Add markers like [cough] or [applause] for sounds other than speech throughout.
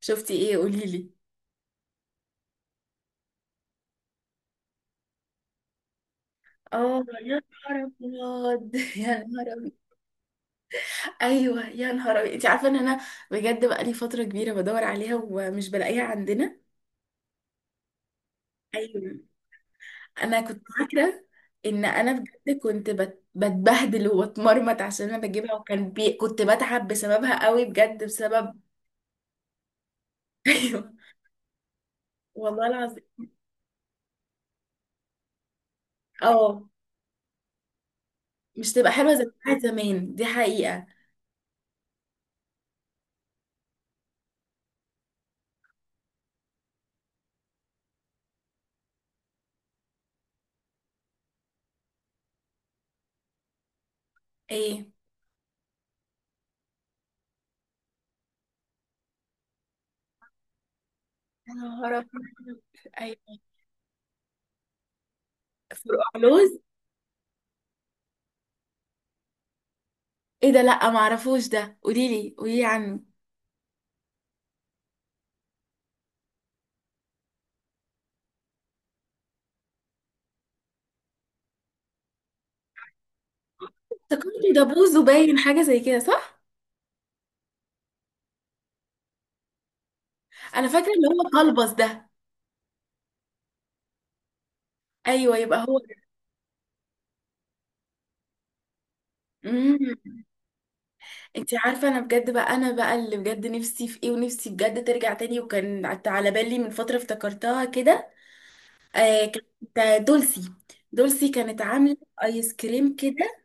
شفتي ايه؟ قوليلي. اه، يا نهار ابيض [laughs] يا نهار ابيض. ايوه يا نهار ابيض، انت عارفه ان انا بقالي فتره كبيره بدور عليها ومش بلاقيها عندنا. ايوه، انا كنت فاكره ان انا بجد كنت بتبهدل وبتمرمط عشان انا بجيبها، كنت بتعب بسببها قوي، بجد بسبب. [laughs] ايوه، والله العظيم. اه، مش تبقى حلوه زي بتاعت زمان، دي حقيقه. ايه يا نهار ابيض. ايوه فرقعلوز. ايه ده؟ لا ما اعرفوش ده، قوليلي قوليلي عنه. افتكرته ده بوز وباين، حاجه زي كده صح؟ انا فاكره اللي هو قلبص ده. ايوه يبقى هو ده. امم، انت عارفه انا بجد بقى، انا بقى اللي بجد نفسي في ايه، ونفسي بجد ترجع تاني، وكان على بالي من فتره افتكرتها كده. آه كانت دولسي، دولسي، كانت عامله ايس كريم كده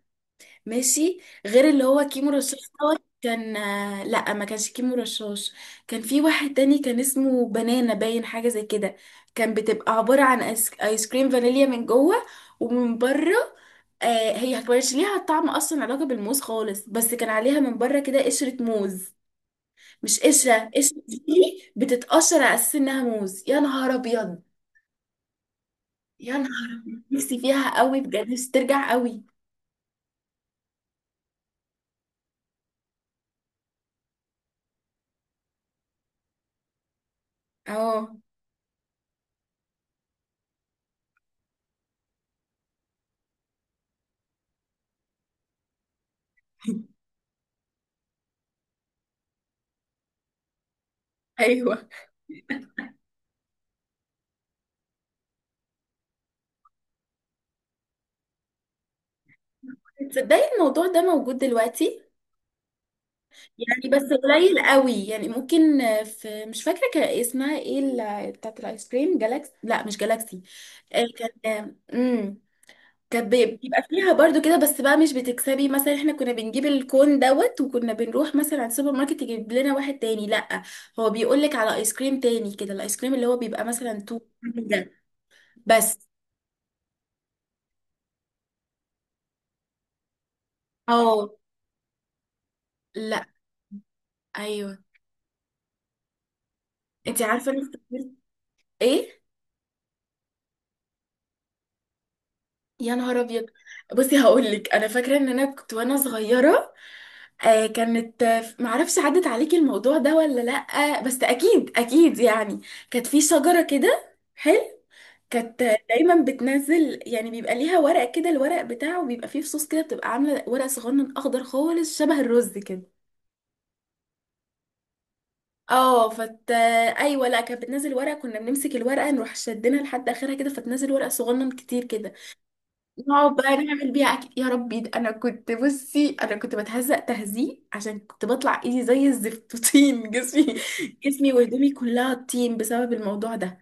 ماشي، غير اللي هو كيمو رشاش دوت. كان لا، ما كانش كيمو رشاش، كان في واحد تاني كان اسمه بنانا، باين حاجة زي كده. كان بتبقى عبارة عن آيس كريم فانيليا من جوه، ومن بره آه، هي كانش ليها طعم اصلا علاقة بالموز خالص، بس كان عليها من بره كده قشرة موز، مش قشرة قشرة دي، بتتقشر على اساس انها موز. يا نهار ابيض. يا نهار أبيض، نفسي فيها قوي، بجد نفسي ترجع قوي. اه. [laughs] ايوه، تصدقي الموضوع ده موجود دلوقتي، يعني بس قليل قوي، يعني ممكن في، مش فاكره كان اسمها ايه بتاعت الايس كريم جالاكسي، لا مش جالاكسي. كان امم، كانت بيبقى فيها برضو كده، بس بقى مش بتكسبي مثلا. احنا كنا بنجيب الكون دوت، وكنا بنروح مثلا على السوبر ماركت يجيب لنا واحد تاني، لا هو بيقول لك على ايس كريم تاني كده، الايس كريم اللي هو بيبقى مثلا تو ده بس. اه، لا. ايوه، انت عارفه انا افتكرت. ايه؟ يا نهار ابيض، بصي هقول لك، انا فاكره ان انا كنت وانا صغيره آه كانت، معرفش عدت عليكي الموضوع ده ولا لأ، بس اكيد اكيد يعني. كانت في شجره كده حلو، كانت دايما بتنزل، يعني بيبقى ليها ورق كده، الورق بتاعه بيبقى فيه فصوص كده، بتبقى عامله ورق صغنن اخضر خالص شبه الرز كده. اه فت ايوه، لا كانت بتنزل ورقه، كنا بنمسك الورقه نروح شدنا لحد اخرها كده، فتنزل ورقه صغنن كتير كده. نقعد بقى نعمل بيها اكل. يا ربي، ده انا كنت، بصي انا كنت بتهزق تهزيق، عشان كنت بطلع ايدي زي الزفت طين، [laughs] جسمي، جسمي وهدومي كلها طين بسبب الموضوع ده.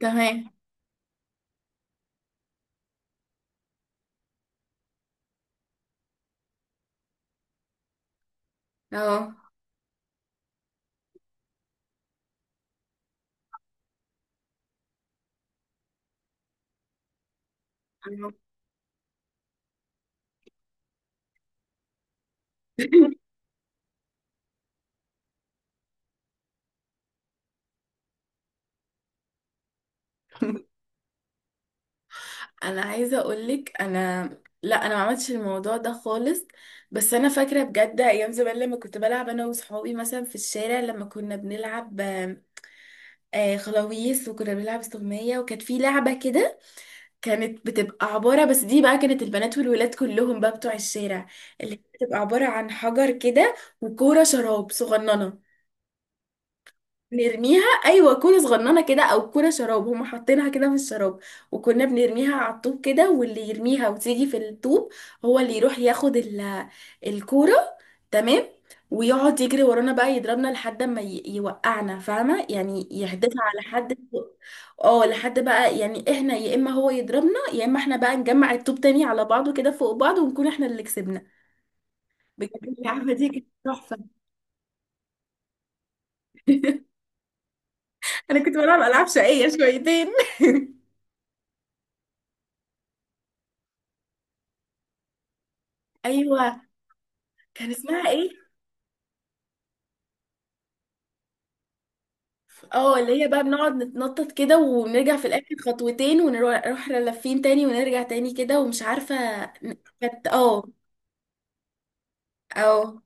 تمام. اه أنا- [laughs] انا عايزه اقولك انا، لا انا ما عملتش الموضوع ده خالص، بس انا فاكره بجد ايام زمان لما كنت بلعب انا وصحابي مثلا في الشارع، لما كنا بنلعب خلاويص، وكنا بنلعب استغمية، وكانت في لعبه كده، كانت بتبقى عبارة، بس دي بقى كانت البنات والولاد كلهم بقى بتوع الشارع، اللي بتبقى عبارة عن حجر كده، وكورة شراب صغننة، نرميها، ايوه كورة صغننة كده او كورة شراب هم حاطينها كده في الشراب، وكنا بنرميها على الطوب كده، واللي يرميها وتيجي في الطوب هو اللي يروح ياخد الكورة، تمام، ويقعد يجري ورانا بقى يضربنا لحد ما يوقعنا، فاهمه؟ يعني يحدفها على حد. اه، لحد بقى، يعني احنا يا اما هو يضربنا، يا اما احنا بقى نجمع الطوب تاني على بعضه كده فوق بعض، ونكون احنا اللي كسبنا. بجد اللعبه دي كانت تحفه. [laughs] انا كنت بلعب العاب شقيه شويتين. [laughs] ايوه، كان اسمها ايه؟ اه، اللي هي بقى بنقعد نتنطط كده، ونرجع في الاخر خطوتين، ونروح لافين تاني، ونرجع تاني كده، ومش عارفه. كانت اه. اه،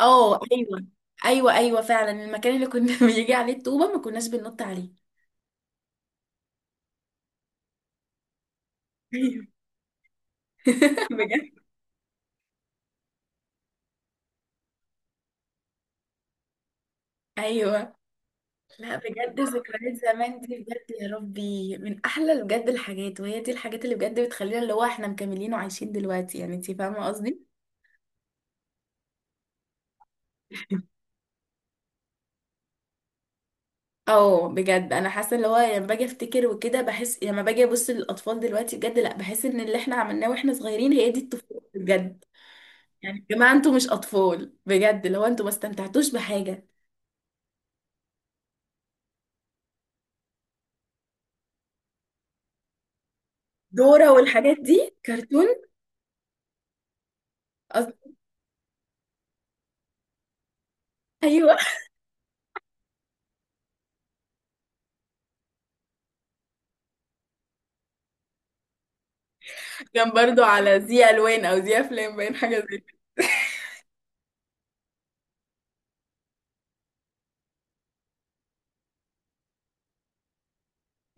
اه. ايوه، ايوه، ايوه، فعلا المكان اللي كنا [laughs] بيجي عليه الطوبه ما كناش بننط عليه. ايوه. [laughs] بجد. ايوه، لا بجد ذكريات زمان دي بجد، يا ربي، من احلى بجد الحاجات، وهي دي الحاجات اللي بجد بتخلينا اللي هو احنا مكملين وعايشين دلوقتي، يعني انتي فاهمه قصدي. اه، بجد انا حاسه اللي هو لما باجي افتكر وكده، بحس لما باجي ابص للاطفال دلوقتي بجد، لا بحس ان اللي احنا عملناه واحنا صغيرين هي دي الطفوله بجد. يعني يا جماعه، انتوا مش اطفال بجد، اللي هو انتوا ما استمتعتوش بحاجه. دورة والحاجات دي كرتون. أصل، ايوه. [laughs] كان برضو على زي الوان او زي افلام، باين حاجه زي كده.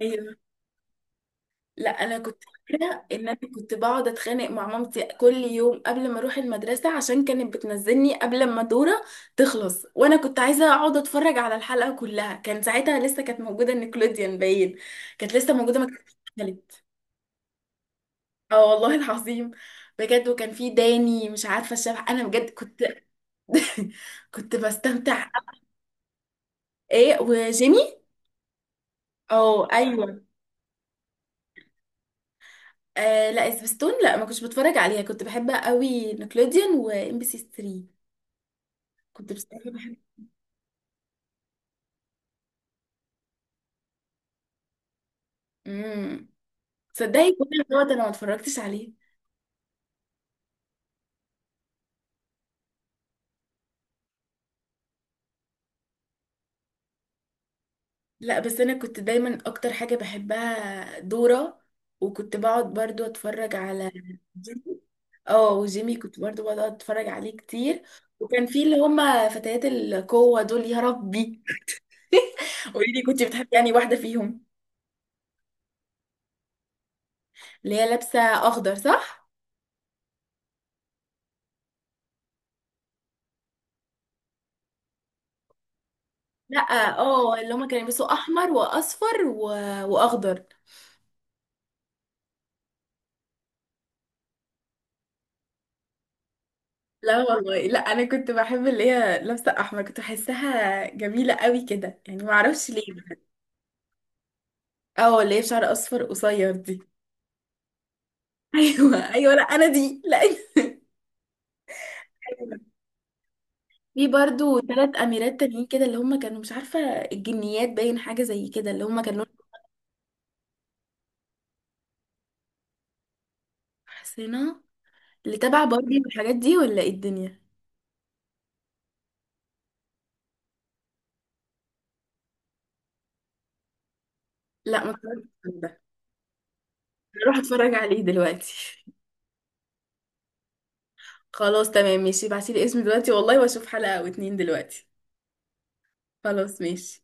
ايوه، لا انا كنت فاكره ان انا كنت بقعد اتخانق مع مامتي كل يوم قبل ما اروح المدرسه، عشان كانت بتنزلني قبل ما دوره تخلص، وانا كنت عايزه اقعد اتفرج على الحلقه كلها. كان ساعتها لسه كانت موجوده نيكلوديان، باين كانت لسه موجوده ما كانتش اتقفلت. اه، والله العظيم. بجد، وكان في داني، مش عارفه الشبح، انا بجد كنت [laughs] كنت بستمتع. ايه وجيمي. اه ايوه. آه لا سبيستون، لا ما كنتش بتفرج عليها، كنت بحب قوي نيكلوديان وام بي سي 3، كنت بصراحه بحب. امم، تصدقي كل دوت انا ما اتفرجتش عليه. لا، بس انا كنت دايما اكتر حاجه بحبها دورة، وكنت بقعد برضو اتفرج على جيمي. اه، وجيمي كنت برضو بقعد اتفرج عليه كتير. وكان في اللي هما فتيات القوة دول، يا ربي. [laughs] قولي لي كنت بتحبي يعني واحدة فيهم. اللي هي لابسة اخضر صح؟ لا، اه اللي هما كانوا يلبسوا احمر واصفر واخضر. لا والله، لا انا كنت بحب اللي هي لابسه احمر، كنت بحسها جميله قوي كده، يعني ما اعرفش ليه. اه، اللي هي بشعر اصفر قصير دي. [laughs] ايوه ايوه، لا انا دي لا. [laughs] أيوة. في برضو ثلاث اميرات تانيين كده، اللي هم كانوا مش عارفه الجنيات، باين حاجه زي كده، اللي هم كانوا حسنا، اللي تبع باربي والحاجات دي، ولا ايه الدنيا؟ لا، ما اتفرجتش على ده، هروح اتفرج عليه دلوقتي. خلاص تمام ماشي، ابعتيلي اسم دلوقتي والله، واشوف حلقة او اتنين دلوقتي. خلاص ماشي.